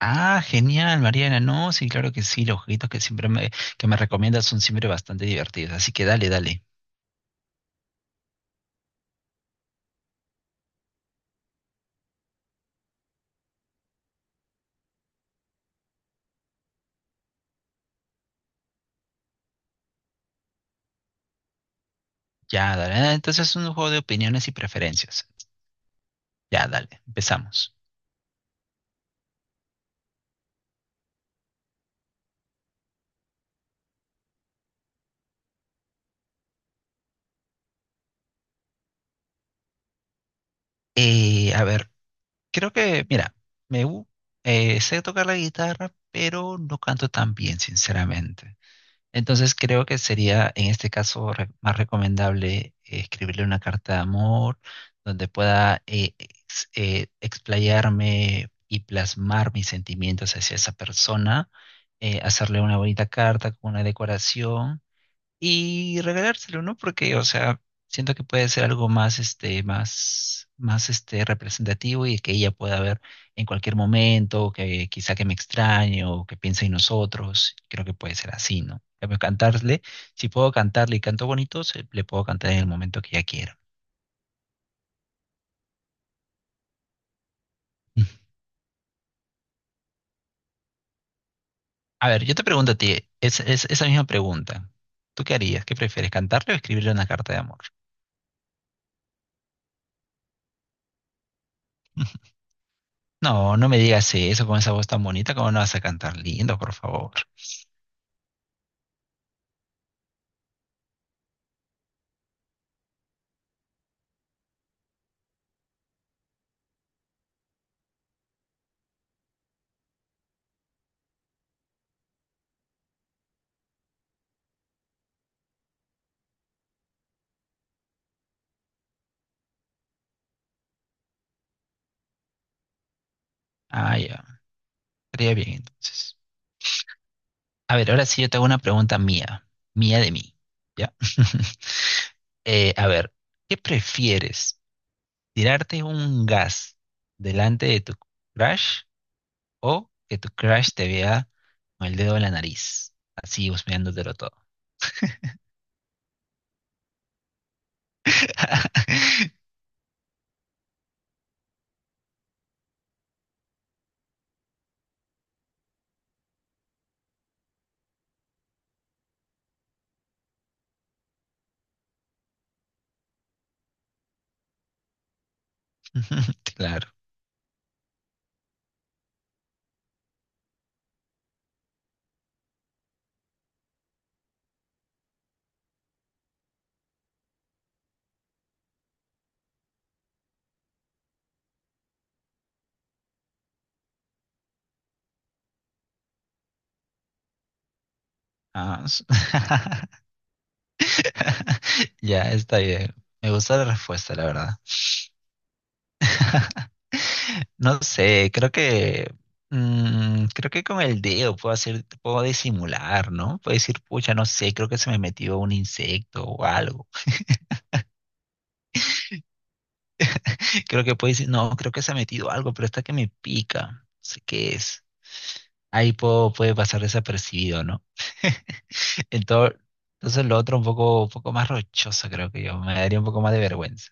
Ah, genial, Mariana. No, sí, claro que sí. Los jueguitos que siempre que me recomiendas son siempre bastante divertidos. Así que dale, dale. Ya, dale. Ah, Entonces es un juego de opiniones y preferencias. Ya, dale. Empezamos. A ver, mira, me gu- sé tocar la guitarra, pero no canto tan bien, sinceramente. Entonces creo que sería en este caso más recomendable escribirle una carta de amor donde pueda explayarme y plasmar mis sentimientos hacia esa persona, hacerle una bonita carta con una decoración y regalárselo, ¿no? Porque, o sea, siento que puede ser algo más, este, más, este, representativo y que ella pueda ver en cualquier momento, que quizá que me extrañe o que piense en nosotros. Creo que puede ser así, ¿no? En cambio, cantarle, si puedo cantarle y canto bonito, le puedo cantar en el momento que ella quiera. Mm. A ver, yo te pregunto a ti, esa misma pregunta. ¿Tú qué harías? ¿Qué prefieres, cantarle o escribirle una carta de amor? No, no me digas eso con esa voz tan bonita, ¿cómo no vas a cantar lindo, por favor? Ay, estaría bien, entonces. A ver, ahora sí yo te hago una pregunta mía, mía de mí, ¿ya? A ver, ¿qué prefieres? ¿Tirarte un gas delante de tu crush o que tu crush te vea con el dedo en la nariz, así husmeándotelo todo? Claro. Ah, s- Ya, está bien. Me gusta la respuesta, la verdad. No sé, creo que creo que con el dedo puedo disimular, ¿no? Puedo decir, pucha, no sé, creo que se me metió un insecto o algo. Creo que puedo decir, no, creo que se ha metido algo, pero está que me pica. No sé qué es. Puede pasar desapercibido, ¿no? Entonces, entonces lo otro un poco más rochoso, creo que yo. Me daría un poco más de vergüenza.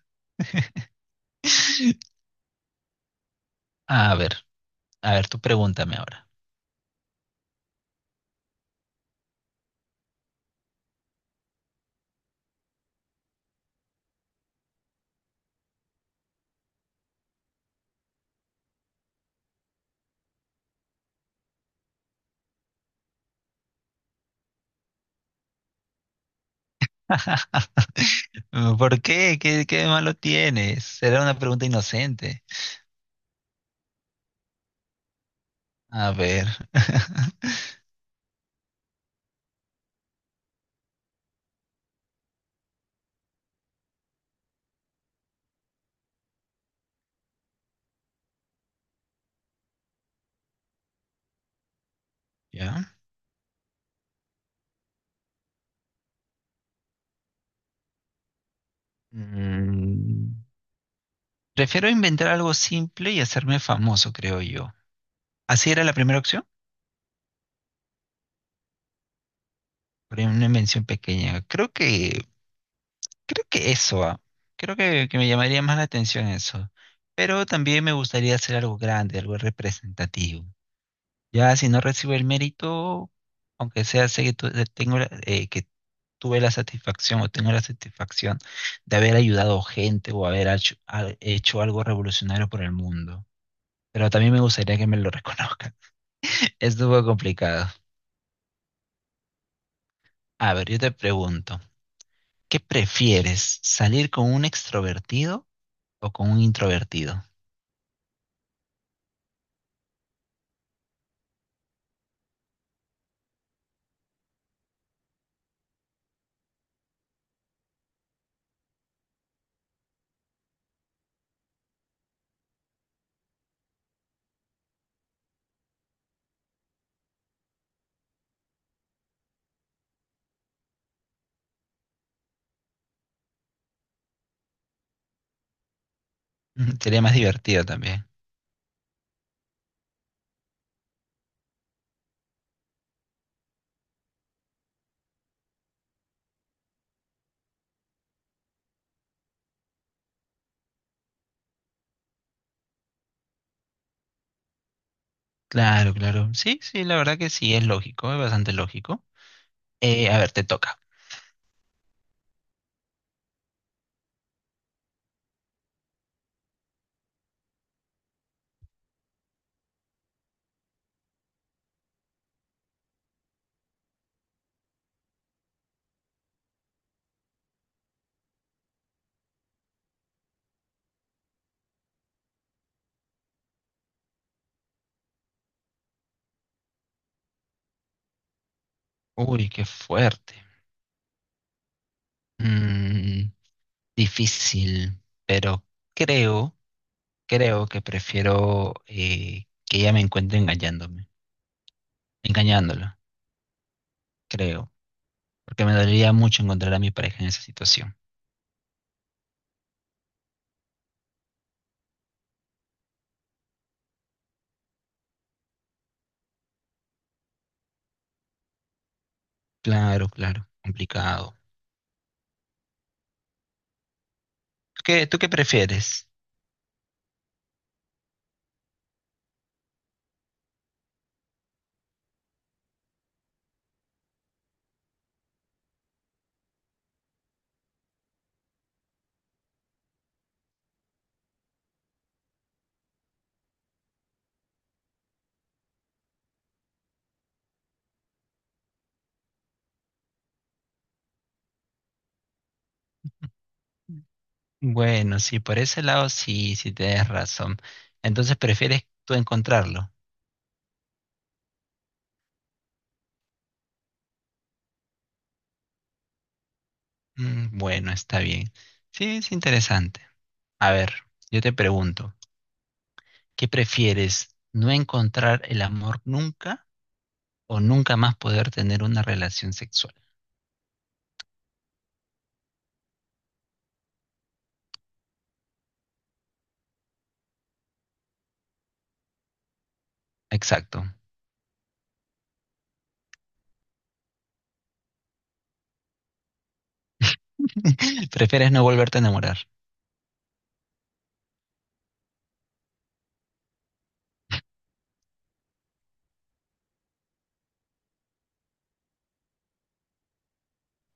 A ver, tú pregúntame ahora. ¿Por qué? ¿Qué, qué de malo tienes? Era una pregunta inocente. A ver. ¿Ya? Mm, prefiero inventar algo simple y hacerme famoso, creo yo. ¿Así era la primera opción? Por una invención pequeña. Creo que eso, ah. Creo que me llamaría más la atención eso. Pero también me gustaría hacer algo grande, algo representativo. Ya si no recibo el mérito, aunque sea sé que tuve la satisfacción o tengo la satisfacción de haber ayudado gente o haber hecho algo revolucionario por el mundo. Pero también me gustaría que me lo reconozcan. Estuvo complicado. A ver, yo te pregunto, ¿qué prefieres? ¿Salir con un extrovertido o con un introvertido? Sería más divertido también. Claro, claro. Sí, sí, la verdad que sí, es lógico, es bastante lógico. A ver, te toca. Uy, qué fuerte. Mm, difícil, pero creo creo que prefiero que ella me encuentre engañándome, engañándola, creo, porque me dolería mucho encontrar a mi pareja en esa situación. Claro, claro, complicado. Tú qué prefieres? Bueno, sí, por ese lado sí, sí tienes razón. Entonces prefieres tú encontrarlo. Mm, bueno, está bien. Sí, es interesante. A ver, yo te pregunto, ¿qué prefieres? ¿No encontrar el amor nunca o nunca más poder tener una relación sexual? Exacto. Prefieres no volverte a enamorar.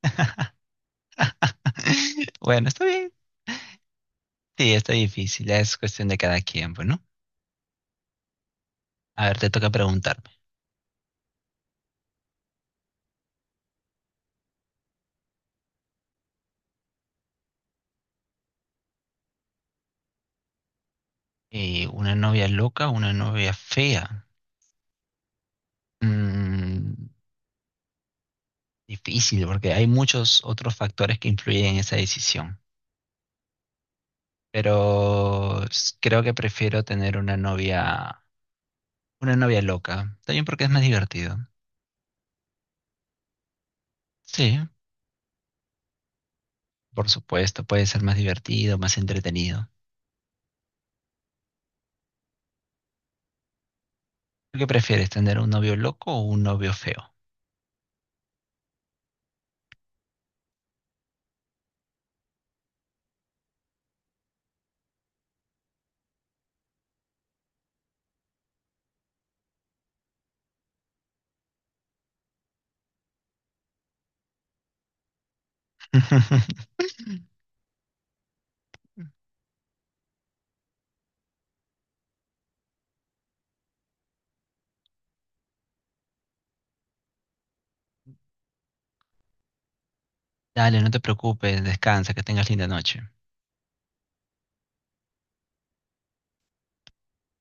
Bueno, está bien. Sí, está difícil. Es cuestión de cada quien, pues, ¿no? A ver, te toca preguntarme. ¿Una novia loca, una novia fea? Mm, difícil, porque hay muchos otros factores que influyen en esa decisión. Pero creo que prefiero tener una novia loca. También porque es más divertido. Sí, por supuesto, puede ser más divertido, más entretenido. ¿Qué prefieres, tener un novio loco o un novio feo? Dale, no te preocupes, descansa, que tengas linda noche.